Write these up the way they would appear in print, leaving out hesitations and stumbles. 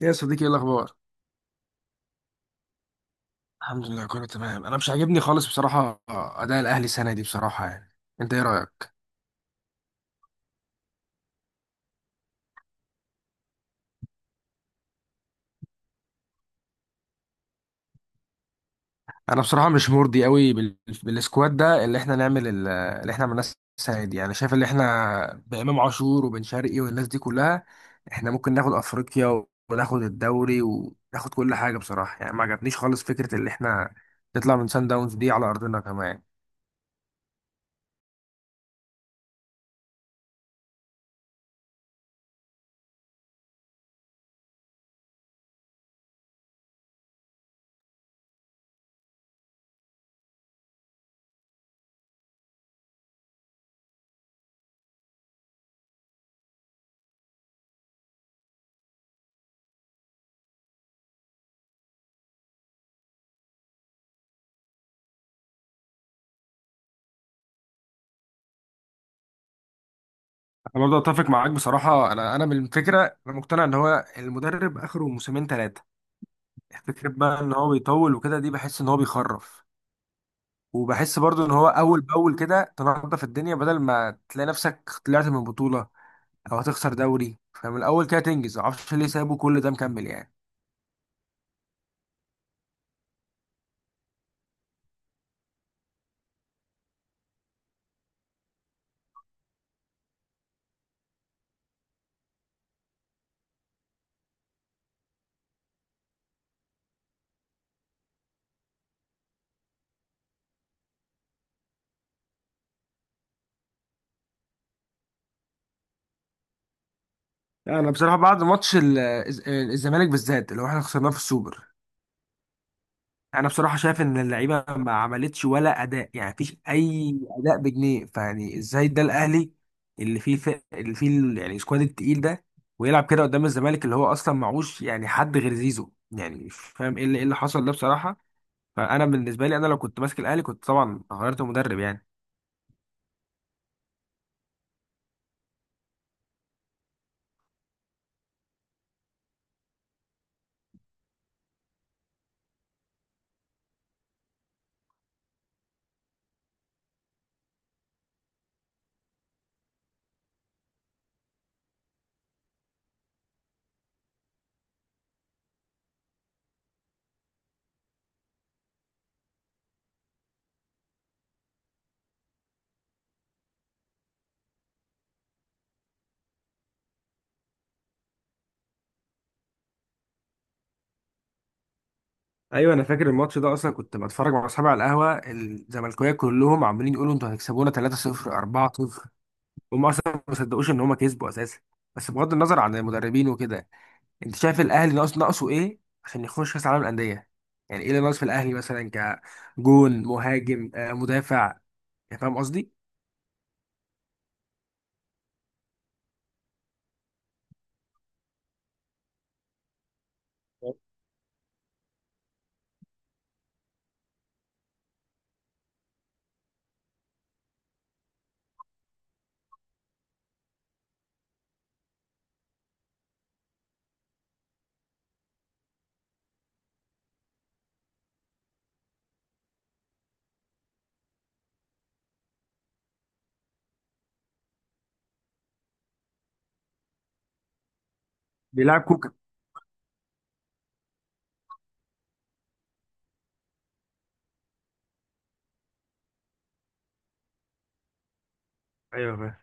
يا صديقي، ايه الاخبار؟ الحمد لله كله تمام. انا مش عاجبني خالص بصراحه اداء الاهلي السنه دي، بصراحه، يعني انت ايه رايك؟ انا بصراحه مش مرضي قوي بالسكواد ده اللي احنا نعمل اللي احنا عملناه السنه دي. يعني شايف اللي احنا بامام عاشور وبن شرقي والناس دي كلها، احنا ممكن ناخد افريقيا وناخد الدوري وناخد كل حاجه بصراحه. يعني ما عجبنيش خالص فكره اللي احنا نطلع من سان داونز دي على ارضنا كمان. انا برضه اتفق معاك بصراحه. انا من الفكره، انا مقتنع ان هو المدرب اخره موسمين ثلاثه. فكرة بقى ان هو بيطول وكده دي، بحس ان هو بيخرف، وبحس برضو ان هو اول باول كده تنظف الدنيا بدل ما تلاقي نفسك طلعت من بطولة او هتخسر دوري، فمن الاول كده تنجز. معرفش ليه سابوا كل ده مكمل يعني. يعني انا بصراحة بعد ماتش الزمالك بالذات اللي هو احنا خسرناه في السوبر، انا بصراحه شايف ان اللعيبه ما عملتش ولا اداء. يعني مفيش اي اداء بجنيه، فيعني ازاي ده الاهلي اللي فيه اللي فيه يعني السكواد التقيل ده، ويلعب كده قدام الزمالك اللي هو اصلا معهوش يعني حد غير زيزو؟ يعني مش فاهم ايه اللي حصل ده بصراحه. فانا بالنسبه لي، انا لو كنت ماسك الاهلي كنت طبعا غيرت المدرب يعني. ايوه، انا فاكر الماتش ده. اصلا كنت بتفرج مع اصحابي على القهوه، الزملكاويه كلهم عمالين يقولوا انتوا هتكسبونا 3-0، 4-0. هم اصلا ما صدقوش ان هم كسبوا اساسا. بس بغض النظر عن المدربين وكده، انت شايف الاهلي ناقص، ناقصه ايه عشان يخش كاس عالم الانديه؟ يعني ايه اللي ناقص في الاهلي مثلا؟ كجون مهاجم، مدافع؟ يعني فاهم قصدي. بيلعب كوكا. ايوه فاهم.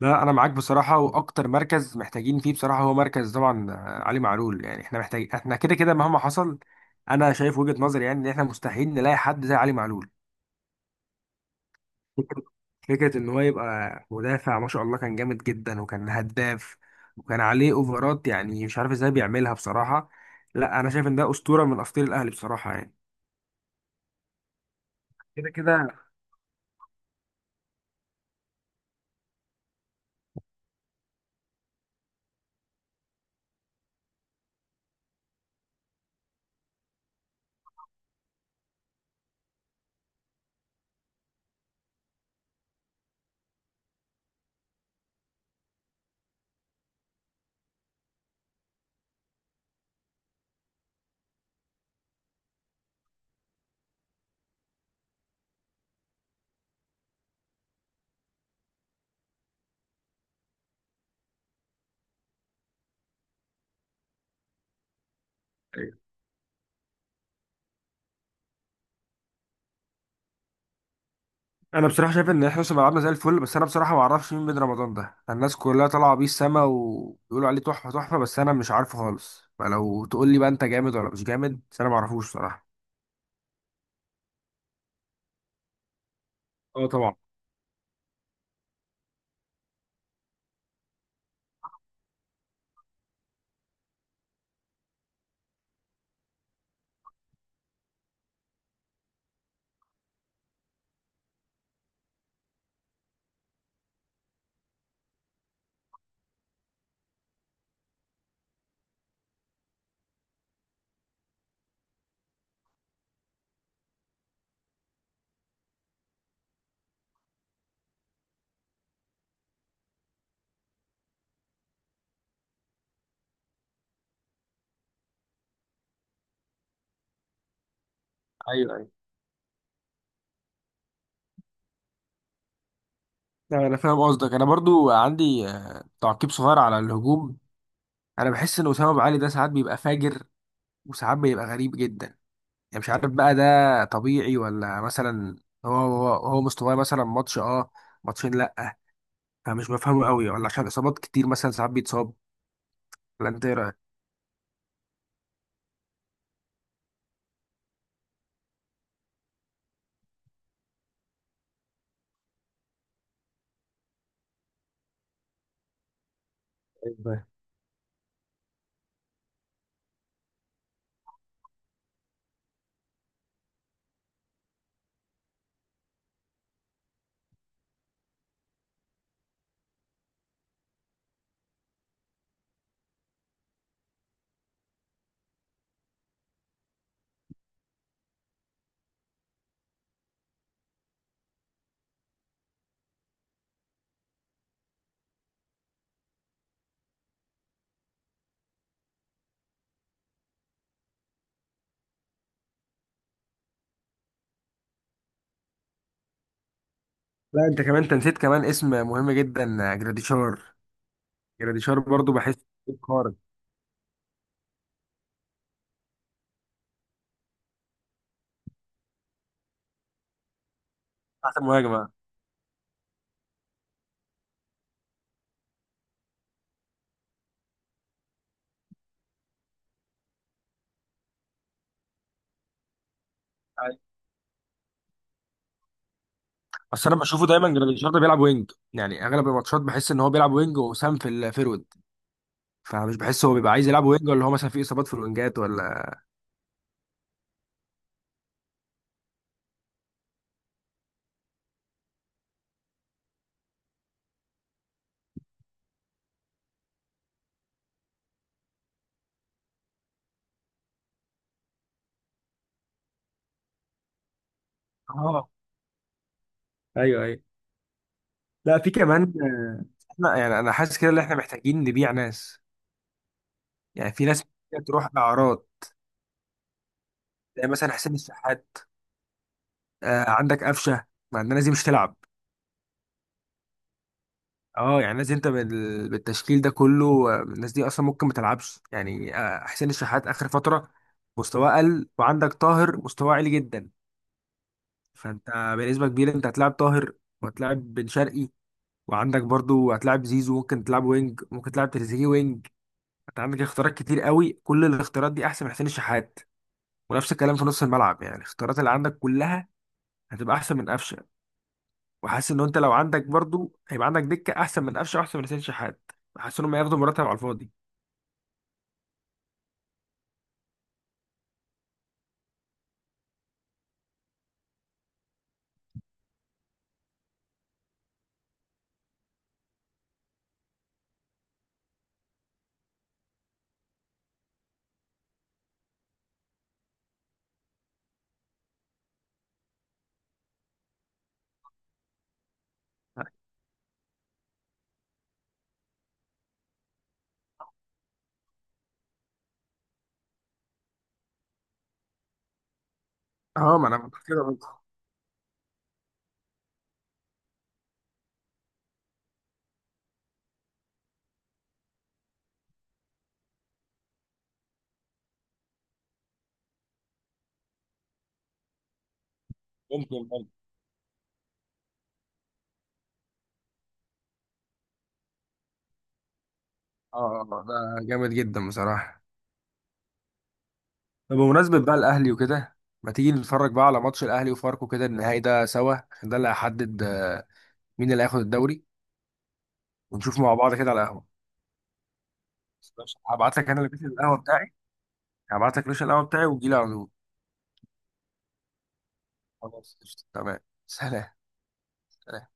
لا، انا معاك بصراحه. واكتر مركز محتاجين فيه بصراحه هو مركز طبعا علي معلول. يعني احنا محتاج، احنا كده كده مهما حصل. انا شايف وجهه نظري يعني، ان احنا مستحيل نلاقي حد زي علي معلول. فكرة فكرة إن هو يبقى مدافع، ما شاء الله، كان جامد جدا وكان هداف وكان عليه أوفرات. يعني مش عارف إزاي بيعملها بصراحة. لا، أنا شايف إن ده أسطورة من أساطير الأهلي بصراحة يعني. كده كده. أنا بصراحة شايف إن إحنا لسه لعبنا زي الفل، بس أنا بصراحة ما أعرفش مين بن رمضان ده. الناس كلها طالعة بيه السما وبيقولوا عليه تحفة تحفة، بس أنا مش عارفه خالص. فلو تقول لي بقى أنت جامد ولا مش جامد، بس أنا ما أعرفوش بصراحة. أه طبعا. ايوه ايوه. لا، انا فاهم قصدك. انا برضو عندي تعقيب صغير على الهجوم. انا بحس ان اسامه ابو علي ده ساعات بيبقى فاجر وساعات بيبقى غريب جدا. يعني مش عارف بقى ده طبيعي ولا مثلا. هو مستواه مثلا ماتش، ماتشين، لا. فمش بفهمه قوي، ولا عشان اصابات كتير مثلا ساعات بيتصاب؟ ولا انت ايه رايك؟ أيوة. لا، انت كمان انت نسيت كمان اسم مهم جدا، جراديشار. جراديشار برضو بحس خارج، احسن مهاجمه. بس انا بشوفه دايما جراديشار ده بيلعب وينج، يعني اغلب الماتشات بحس ان هو بيلعب وينج وسام في الفيرود. فمش بحس هو بيبقى عايز يلعب وينج، ولا هو مثلا في اصابات في الوينجات؟ اه. ايوه ايوه. لا، في كمان. احنا يعني، انا حاسس كده ان احنا محتاجين نبيع ناس. يعني في ناس كده تروح اعراض. زي مثلا حسين الشحات، آه عندك قفشه. مع ان الناس دي مش تلعب. اه، يعني الناس دي انت بالتشكيل ده كله، الناس دي اصلا ممكن ما تلعبش. يعني آه، حسين الشحات اخر فتره مستواه قل، وعندك طاهر مستواه عالي جدا. فانت بنسبه كبيره انت هتلاعب طاهر، وهتلاعب بن شرقي، وعندك برضو هتلاعب زيزو، ممكن تلعب وينج، ممكن تلعب تريزيجيه وينج. انت عندك اختيارات كتير قوي، كل الاختيارات دي احسن من حسين الشحات. ونفس الكلام في نص الملعب، يعني الاختيارات اللي عندك كلها هتبقى احسن من قفشه. وحاسس ان انت لو عندك برضو، هيبقى عندك دكه احسن من قفشه واحسن من حسين الشحات. حاسس انهم هياخدوا مرتب على الفاضي. اه، ما انا كنت كده قلت. ممكن برضه. اه، ده جامد جدا بصراحة. طب بمناسبة بقى الأهلي وكده، ما تيجي نتفرج بقى على ماتش الأهلي وفاركو كده النهائي ده سوا، عشان ده اللي هيحدد مين اللي هياخد الدوري. ونشوف مع بعض كده على القهوة. ماشي. هبعت لك أنا لوكيشن القهوة بتاعي، هبعت لك ريش القهوة بتاعي وتجيلي على طول. خلاص، قشطة. تمام. سلام. سلام.